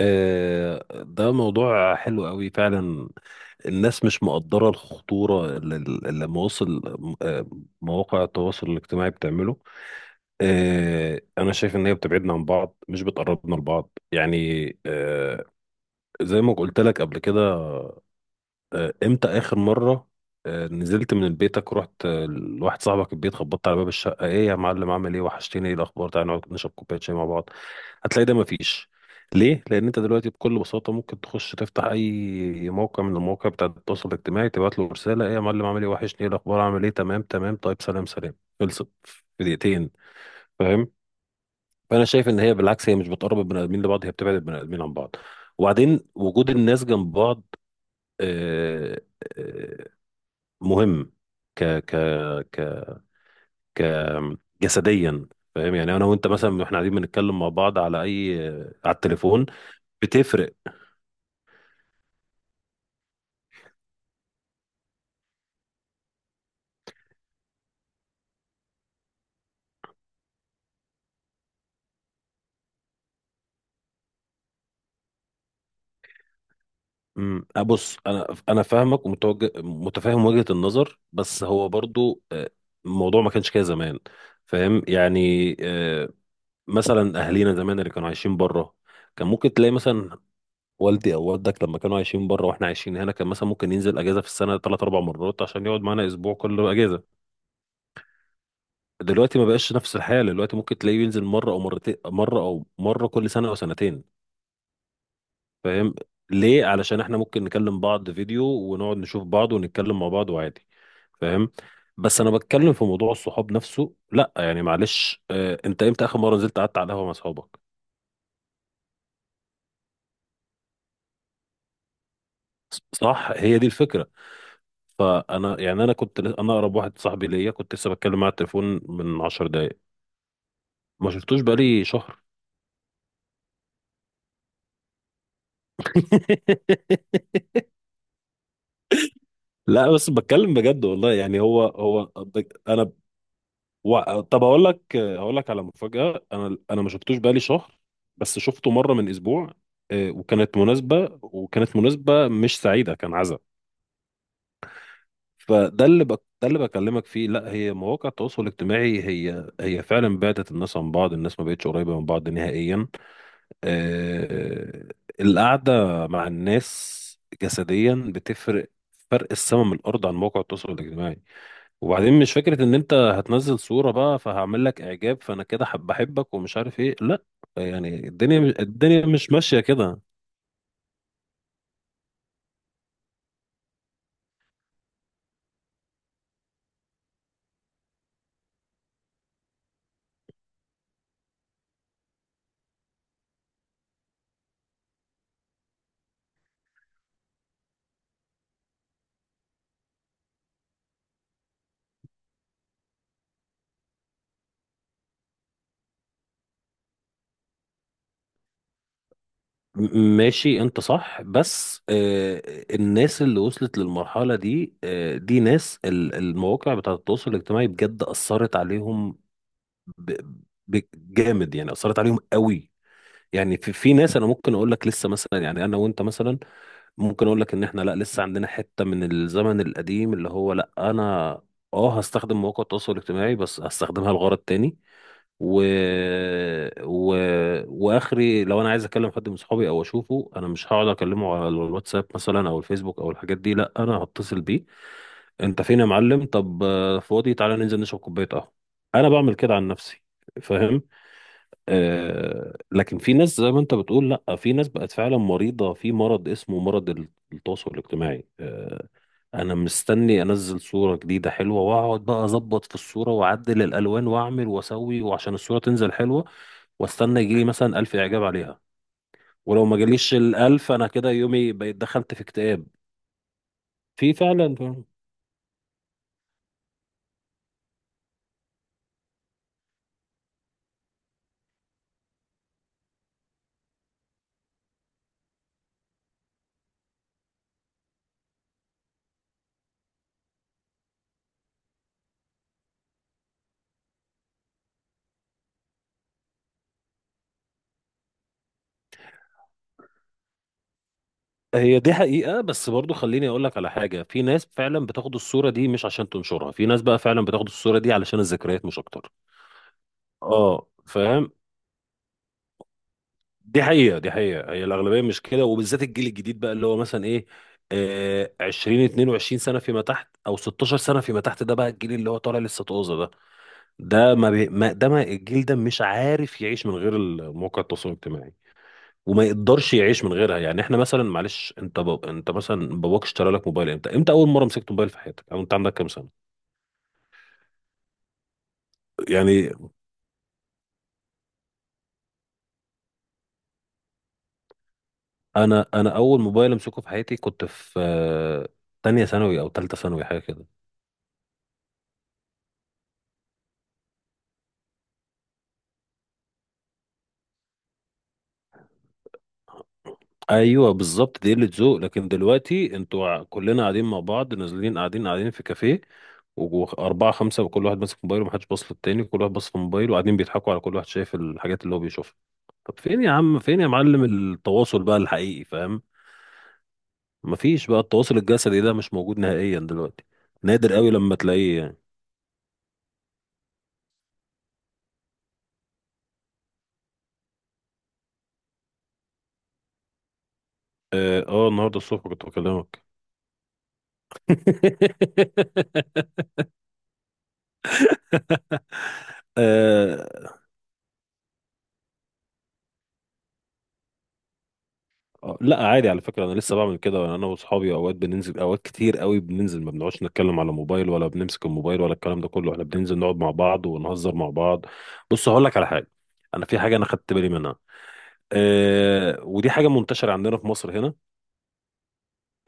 ده موضوع حلو قوي فعلا. الناس مش مقدرة الخطورة اللي مواصل، آه، مواقع التواصل الاجتماعي بتعمله. انا شايف ان هي بتبعدنا عن بعض مش بتقربنا لبعض، يعني زي ما قلت لك قبل كده. امتى اخر مرة نزلت من بيتك ورحت لواحد صاحبك البيت، خبطت على باب الشقة: ايه يا معلم، عامل ايه، وحشتني، ايه الاخبار، تعالى نقعد نشرب كوباية شاي مع بعض. هتلاقي ده مفيش. ليه؟ لأن أنت دلوقتي بكل بساطة ممكن تخش تفتح أي موقع من المواقع بتاع التواصل الاجتماعي، تبعت له رسالة: إيه يا معلم، عامل إيه، وحشني، إيه الأخبار، عامل إيه، تمام تمام، طيب سلام سلام. خلصت في دقيقتين. فاهم؟ فأنا شايف إن هي بالعكس، هي مش بتقرب البني آدمين لبعض، هي بتبعد البني آدمين عن بعض. وبعدين وجود الناس جنب بعض آه، آه، مهم ك ك ك ك جسديا فاهم؟ يعني انا وانت مثلا احنا قاعدين بنتكلم مع بعض على اي على التليفون، بتفرق. بص، انا فاهمك ومتوجه متفاهم وجهة النظر، بس هو برضو الموضوع ما كانش كده زمان. فاهم؟ يعني مثلا اهالينا زمان اللي كانوا عايشين بره، كان ممكن تلاقي مثلا والدي او والدك لما كانوا عايشين بره واحنا عايشين هنا، كان مثلا ممكن ينزل اجازه في السنه ثلاث اربع مرات عشان يقعد معانا اسبوع كل اجازه. دلوقتي ما بقاش نفس الحاله، دلوقتي ممكن تلاقيه ينزل مره او مرتين، مره او مره كل سنه او سنتين. فاهم؟ ليه؟ علشان احنا ممكن نكلم بعض فيديو ونقعد نشوف بعض ونتكلم مع بعض وعادي. فاهم؟ بس انا بتكلم في موضوع الصحاب نفسه، لا يعني معلش، انت امتى اخر مره نزلت قعدت على القهوه مع اصحابك؟ صح، هي دي الفكره. فانا يعني انا اقرب واحد صاحبي ليا كنت لسه بتكلم معاه على التليفون من 10 دقائق، ما شفتوش بقالي شهر. لا بس بتكلم بجد والله، يعني هو انا طب هقول لك على مفاجأة، انا ما شفتوش بقالي شهر، بس شفته مرة من اسبوع. وكانت مناسبة مش سعيدة، كان عزا. ده اللي بكلمك فيه، لا، هي مواقع التواصل الاجتماعي هي فعلا بعدت الناس عن بعض، الناس ما بقتش قريبة من بعض نهائيا. آه... القعدة مع الناس جسديا بتفرق فرق السما من الارض عن موقع التواصل الاجتماعي. وبعدين مش فكرة ان انت هتنزل صورة بقى فهعمل لك اعجاب، فانا كده حب بحبك ومش عارف ايه، لا، يعني الدنيا مش ماشية كده. ماشي، انت صح، بس الناس اللي وصلت للمرحلة دي دي ناس المواقع بتاعة التواصل الاجتماعي بجد أثرت عليهم ب- جامد، يعني أثرت عليهم قوي. يعني في ناس انا ممكن اقول لك لسه مثلا، يعني انا وانت مثلا ممكن اقول لك ان احنا لا لسه عندنا حتة من الزمن القديم، اللي هو لا، انا اه هستخدم مواقع التواصل الاجتماعي بس هستخدمها لغرض تاني و... و... واخري لو انا عايز اكلم حد من صحابي او اشوفه انا مش هقعد اكلمه على الواتساب مثلا او الفيسبوك او الحاجات دي، لا، انا هتصل بيه: انت فين يا معلم، طب فاضي، تعالى ننزل نشرب كوبايه قهوه. انا بعمل كده عن نفسي. فاهم؟ لكن في ناس زي ما انت بتقول، لا في ناس بقت فعلا مريضة في مرض، اسمه مرض التواصل الاجتماعي. انا مستني انزل صورة جديدة حلوة واقعد بقى اظبط في الصورة واعدل الالوان واعمل واسوي وعشان الصورة تنزل حلوة، واستنى يجيلي مثلا الف اعجاب عليها، ولو ما جاليش الالف انا كده يومي بقيت دخلت في اكتئاب. في فعلا، فعلاً. هي دي حقيقة، بس برضو خليني اقول لك على حاجة، في ناس فعلا بتاخد الصورة دي مش عشان تنشرها، في ناس بقى فعلا بتاخد الصورة دي علشان الذكريات مش اكتر. اه فاهم، دي حقيقة، دي حقيقة، هي الأغلبية مش كده، وبالذات الجيل الجديد بقى اللي هو مثلا إيه، آه 20 22 سنة فيما تحت أو 16 سنة فيما تحت، ده بقى الجيل اللي هو طالع لسه طازة ده. ده ما, بي... ما ده ما الجيل ده مش عارف يعيش من غير مواقع التواصل الاجتماعي، وما يقدرش يعيش من غيرها. يعني احنا مثلا معلش، انت مثلا باباك اشترى لك موبايل امتى؟ امتى اول مره مسكت موبايل في حياتك او انت عندك كام سنه؟ يعني انا اول موبايل امسكه في حياتي كنت في تانية ثانوي او تالتة ثانوي، حاجه كده. ايوه بالظبط، دي قله ذوق. لكن دلوقتي انتوا كلنا قاعدين مع بعض نازلين قاعدين في كافيه واربعه خمسه، وكل واحد ماسك موبايله ومحدش باص للتاني، كل واحد باص في موبايله وقاعدين بيضحكوا على كل واحد شايف الحاجات اللي هو بيشوفها. طب فين يا عم، فين يا معلم التواصل بقى الحقيقي؟ فاهم؟ مفيش بقى، التواصل الجسدي ده مش موجود نهائيا دلوقتي، نادر قوي لما تلاقيه يعني. اه النهارده الصبح كنت بكلمك. آه، لا عادي على فكرة، أنا لسه بعمل كده، أنا وأصحابي أوقات بننزل، أوقات كتير قوي بننزل ما بنقعدش نتكلم على موبايل ولا بنمسك الموبايل ولا الكلام ده كله، إحنا بننزل نقعد مع بعض ونهزر مع بعض. بص هقول لك على حاجة، أنا في حاجة أنا خدت بالي منها، أه ودي حاجة منتشرة عندنا في مصر هنا.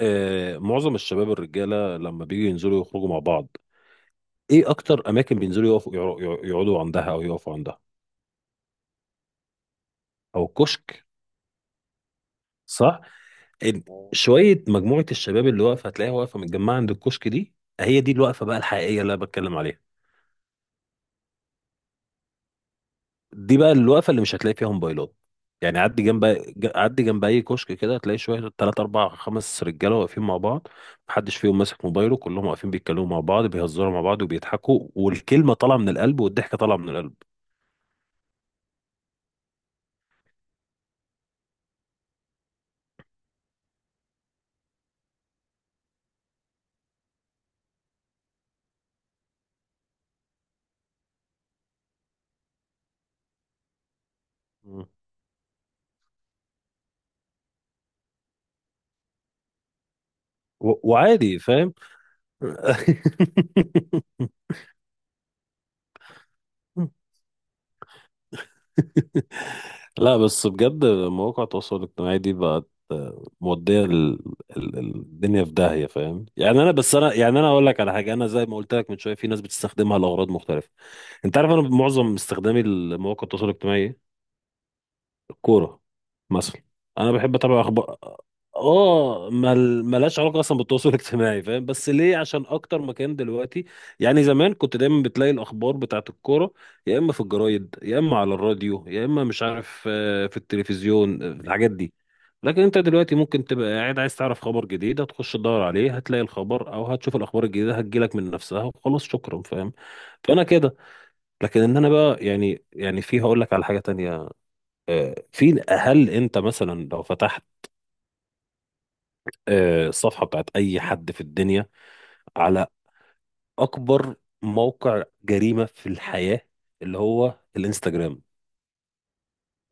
أه معظم الشباب الرجالة لما بيجوا ينزلوا يخرجوا مع بعض، إيه أكتر أماكن بينزلوا يقفوا يقعدوا عندها أو يقفوا عندها؟ أو كشك. ال- شوية مجموعة الشباب اللي واقفة هتلاقيها واقفة متجمعة عند الكشك دي، هي دي الوقفة بقى الحقيقية اللي أنا بتكلم عليها. دي بقى الوقفة اللي مش هتلاقي فيها موبايلات. يعني عدي جنب عدي جنب أي كشك كده هتلاقي شوية تلات أربع خمس رجالة واقفين مع بعض، محدش فيهم ماسك موبايله، كلهم واقفين بيتكلموا مع بعض بيهزروا مع بعض وبيضحكوا، والكلمة طالعة من القلب والضحكة طالعة من القلب. وعادي، فاهم؟ لا بس بجد مواقع التواصل الاجتماعي دي بقت مودية الدنيا في داهية، فاهم؟ يعني انا بس انا يعني انا اقول لك على حاجة، انا زي ما قلت لك من شوية في ناس بتستخدمها لأغراض مختلفة. انت عارف انا معظم استخدامي لمواقع التواصل الاجتماعي إيه؟ كورة مثلا، انا بحب اتابع اخبار. اه ملهاش علاقة اصلا بالتواصل الاجتماعي، فاهم؟ بس ليه؟ عشان اكتر مكان دلوقتي. يعني زمان كنت دايما بتلاقي الاخبار بتاعت الكورة يا اما في الجرايد يا اما على الراديو يا اما مش عارف في التلفزيون، الحاجات دي، لكن انت دلوقتي ممكن تبقى قاعد عايز تعرف خبر جديد هتخش تدور عليه هتلاقي الخبر، او هتشوف الاخبار الجديدة هتجيلك من نفسها وخلاص، شكرا، فاهم؟ فانا كده. لكن ان انا بقى يعني يعني في هقول لك على حاجة تانية، في، هل انت مثلا لو فتحت الصفحه بتاعت اي حد في الدنيا على اكبر موقع جريمه في الحياه اللي هو الانستجرام،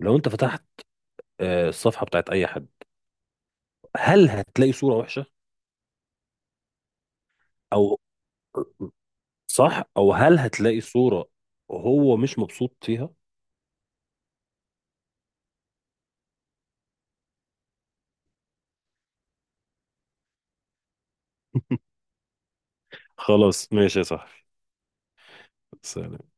لو انت فتحت الصفحه بتاعت اي حد هل هتلاقي صوره وحشه او، صح، او هل هتلاقي صوره هو مش مبسوط فيها؟ خلاص ماشي يا صاحبي، سلام.